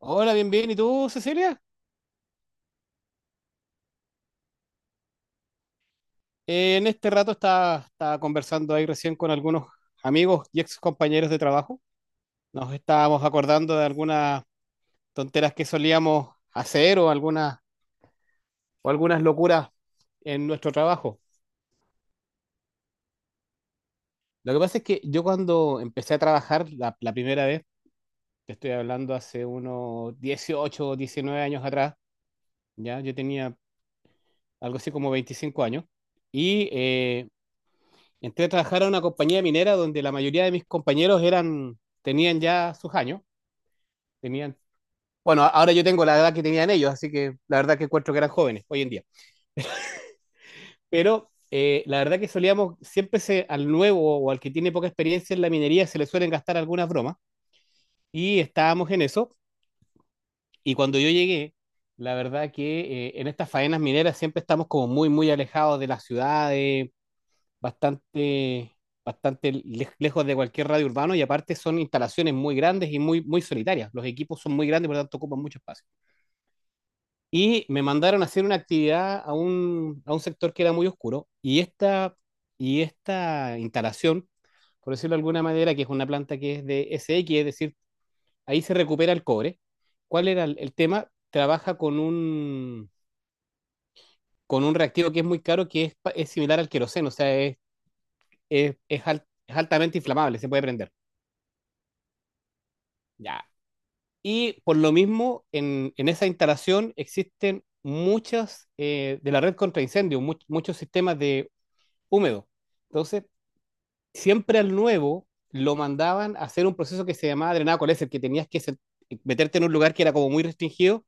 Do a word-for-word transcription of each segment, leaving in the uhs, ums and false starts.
Hola, bien, bien. ¿Y tú, Cecilia? Eh, en este rato estaba, estaba conversando ahí recién con algunos amigos y ex compañeros de trabajo. Nos estábamos acordando de algunas tonteras que solíamos hacer o algunas, o algunas locuras en nuestro trabajo. Lo que pasa es que yo cuando empecé a trabajar la, la primera vez, te estoy hablando hace unos dieciocho o diecinueve años atrás, ya yo tenía algo así como veinticinco años, y eh, entré a trabajar a una compañía minera donde la mayoría de mis compañeros eran, tenían ya sus años, tenían, bueno, ahora yo tengo la edad que tenían ellos, así que la verdad que encuentro que eran jóvenes hoy en día. Pero eh, la verdad que solíamos, siempre se, al nuevo o al que tiene poca experiencia en la minería se le suelen gastar algunas bromas y estábamos en eso. Y cuando yo llegué, la verdad que eh, en estas faenas mineras siempre estamos como muy, muy alejados de las ciudades, bastante, bastante lej- lejos de cualquier radio urbano y aparte son instalaciones muy grandes y muy, muy solitarias. Los equipos son muy grandes, por lo tanto ocupan mucho espacio. Y me mandaron a hacer una actividad a un, a un sector que era muy oscuro y esta, y esta instalación, por decirlo de alguna manera, que es una planta que es de S SX, es decir, ahí se recupera el cobre. ¿Cuál era el, el tema? Trabaja con un, con un reactivo que es muy caro, que es, pa- es similar al queroseno, o sea, es, es, es al- es altamente inflamable, se puede prender. Ya. Y por lo mismo, en, en esa instalación existen muchas eh, de la red contra incendios, mu- muchos sistemas de húmedo. Entonces, siempre al nuevo lo mandaban a hacer un proceso que se llamaba drenado coléser, que tenías que se- meterte en un lugar que era como muy restringido,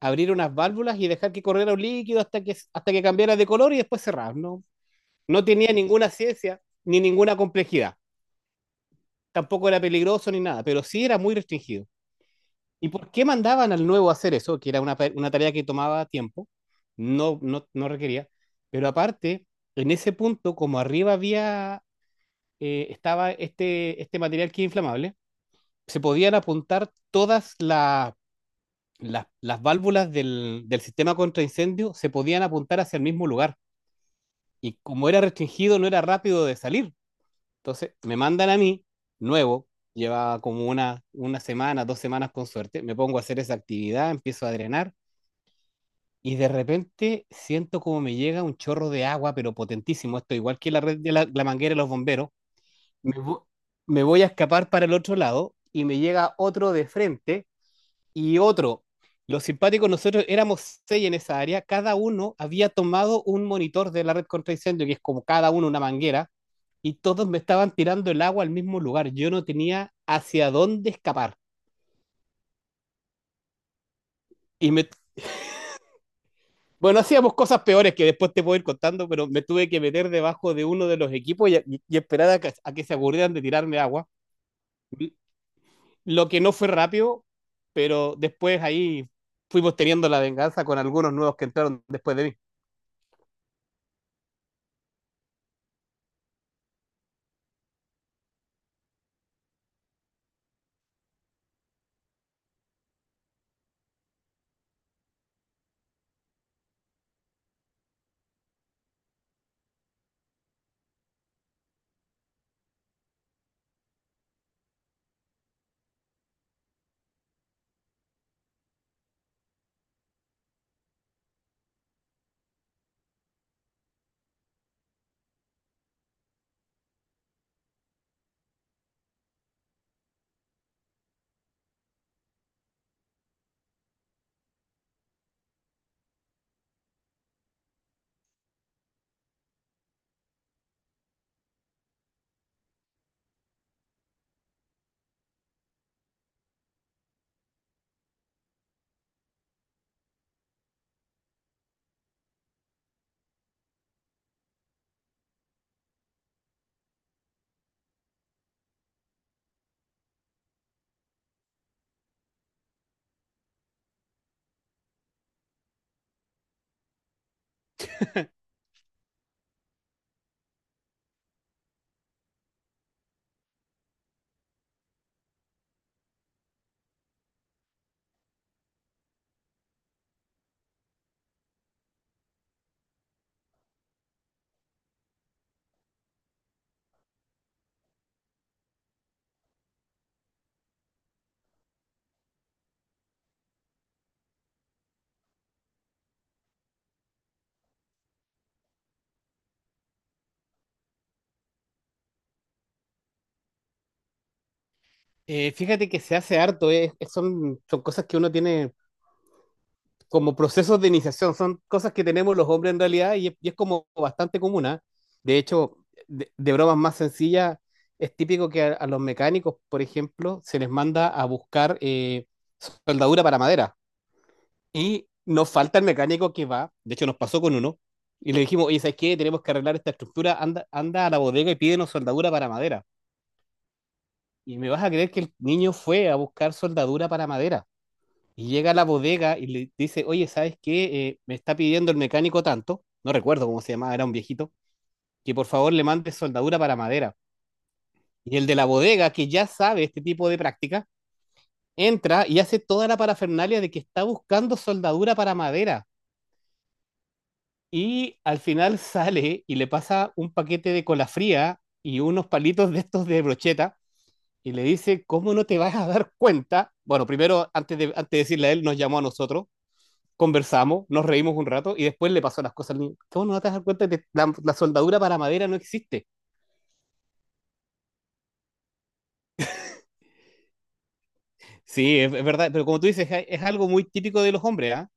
abrir unas válvulas y dejar que corriera un líquido hasta que, hasta que cambiara de color y después cerrar. No, no tenía ninguna ciencia ni ninguna complejidad. Tampoco era peligroso ni nada, pero sí era muy restringido. ¿Y por qué mandaban al nuevo a hacer eso? Que era una, pa- una tarea que tomaba tiempo, no, no, no requería. Pero aparte, en ese punto, como arriba había, eh, estaba este, este material que es inflamable, se podían apuntar todas la- las las válvulas del, del sistema contra incendio, se podían apuntar hacia el mismo lugar. Y como era restringido, no era rápido de salir. Entonces, me mandan a mí, nuevo, lleva como una, una semana, dos semanas con suerte, me pongo a hacer esa actividad, empiezo a drenar. Y de repente siento como me llega un chorro de agua, pero potentísimo. Esto igual que la red de la, la manguera de los bomberos. Me, vo- Me voy a escapar para el otro lado y me llega otro de frente y otro. Los simpáticos, nosotros éramos seis en esa área. Cada uno había tomado un monitor de la red contra incendio, que es como cada uno una manguera, y todos me estaban tirando el agua al mismo lugar. Yo no tenía hacia dónde escapar. Y me Bueno, hacíamos cosas peores que después te puedo ir contando, pero me tuve que meter debajo de uno de los equipos y, y- y esperar a que, a que se aburrieran de tirarme agua. Lo que no fue rápido, pero después ahí fuimos teniendo la venganza con algunos nuevos que entraron después de mí. Eh, fíjate que se hace harto, eh, son, son cosas que uno tiene como procesos de iniciación. Son cosas que tenemos los hombres en realidad y es, y es como bastante común, ¿ah? De hecho, de, de, bromas más sencillas, es típico que a, a los mecánicos, por ejemplo, se les manda a buscar eh, soldadura para madera. Y nos falta el mecánico que va, de hecho nos pasó con uno, y le dijimos, oye, ¿sabes qué? Tenemos que arreglar esta estructura, anda, anda a la bodega y pídenos soldadura para madera. Y me vas a creer que el niño fue a buscar soldadura para madera. Y llega a la bodega y le dice, oye, ¿sabes qué? Eh, me está pidiendo el mecánico tanto, no recuerdo cómo se llamaba, era un viejito, que por favor le mande soldadura para madera. Y el de la bodega, que ya sabe este tipo de práctica, entra y hace toda la parafernalia de que está buscando soldadura para madera. Y al final sale y le pasa un paquete de cola fría y unos palitos de estos de brocheta y le dice, ¿cómo no te vas a dar cuenta? Bueno, primero, antes de, antes de decirle a él, nos llamó a nosotros, conversamos, nos reímos un rato y después le pasó las cosas al niño. ¿Cómo no te das cuenta que la, la soldadura para madera no existe? Sí, es, es verdad, pero como tú dices, es, es algo muy típico de los hombres, ¿ah?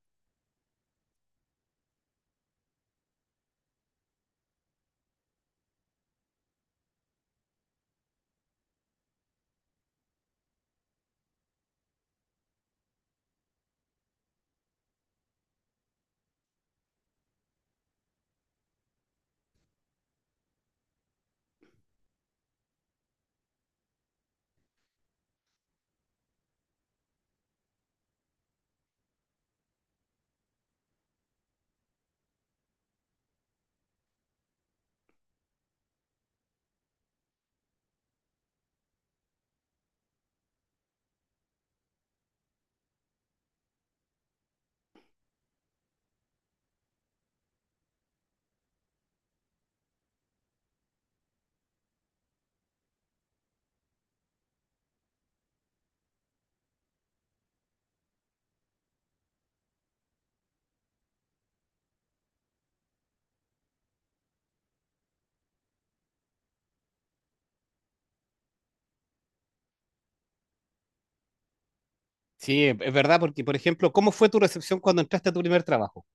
Sí, es es verdad, porque por ejemplo, ¿cómo fue tu recepción cuando entraste a tu primer trabajo?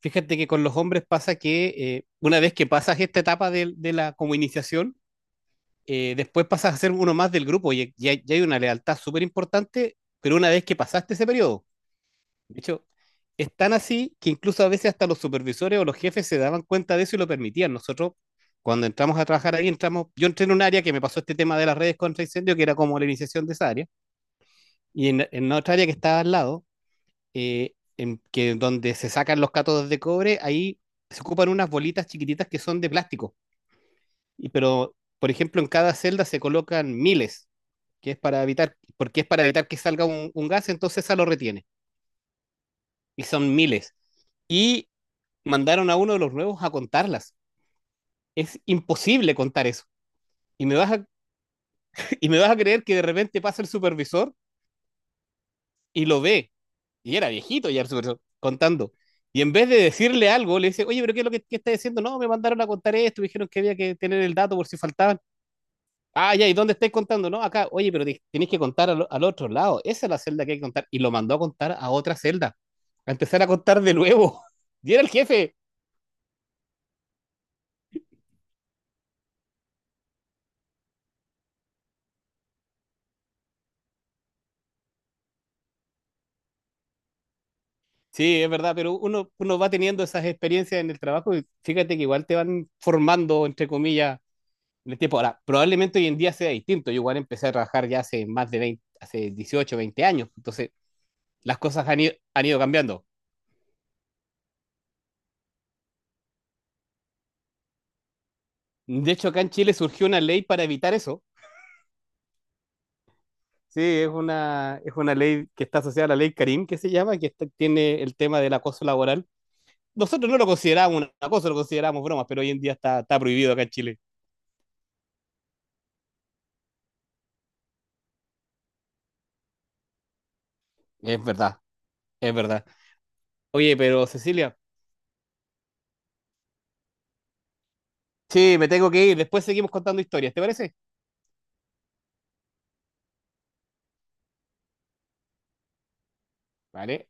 Fíjate que con los hombres pasa que eh, una vez que pasas esta etapa de, de la como iniciación, eh, después pasas a ser uno más del grupo y, y hay y hay una lealtad súper importante, pero una vez que pasaste ese periodo. De hecho, es tan así que incluso a veces hasta los supervisores o los jefes se daban cuenta de eso y lo permitían. Nosotros, cuando entramos a trabajar ahí, entramos, yo entré en un área que me pasó este tema de las redes contra incendio, que era como la iniciación de esa área, y en, en otra área que estaba al lado, eh, en que donde se sacan los cátodos de cobre, ahí se ocupan unas bolitas chiquititas que son de plástico. Y, pero, por ejemplo, en cada celda se colocan miles, que es para evitar, porque es para evitar que salga un, un gas, entonces esa lo retiene. Y son miles. Y mandaron a uno de los nuevos a contarlas. Es imposible contar eso. Y me vas a, y me vas a creer que de repente pasa el supervisor y lo ve. Y era viejito ya el supervisor contando. Y en vez de decirle algo, le dice, oye, pero ¿qué es lo que, que está diciendo? No, me mandaron a contar esto, me dijeron que había que tener el dato por si faltaban. Ah, ya, ¿y dónde estáis contando? No, acá, oye, pero tenéis que contar al, al otro lado. Esa es la celda que hay que contar. Y lo mandó a contar a otra celda, a empezar a contar de nuevo. Y era el jefe. Sí, es verdad, pero uno, uno va teniendo esas experiencias en el trabajo y fíjate que igual te van formando, entre comillas, en el tiempo. Ahora, probablemente hoy en día sea distinto. Yo igual empecé a trabajar ya hace más de veinte, hace dieciocho, veinte años. Entonces, las cosas han ido, han ido cambiando. De hecho, acá en Chile surgió una ley para evitar eso. Sí, es una, es una ley que está asociada a la ley Karim, que se llama, que está- tiene el tema del acoso laboral. Nosotros no lo consideramos un acoso, lo consideramos bromas, pero hoy en día está, está prohibido acá en Chile. Es verdad, es verdad. Oye, pero Cecilia. Sí, me tengo que ir. Después seguimos contando historias, ¿te parece? Vale.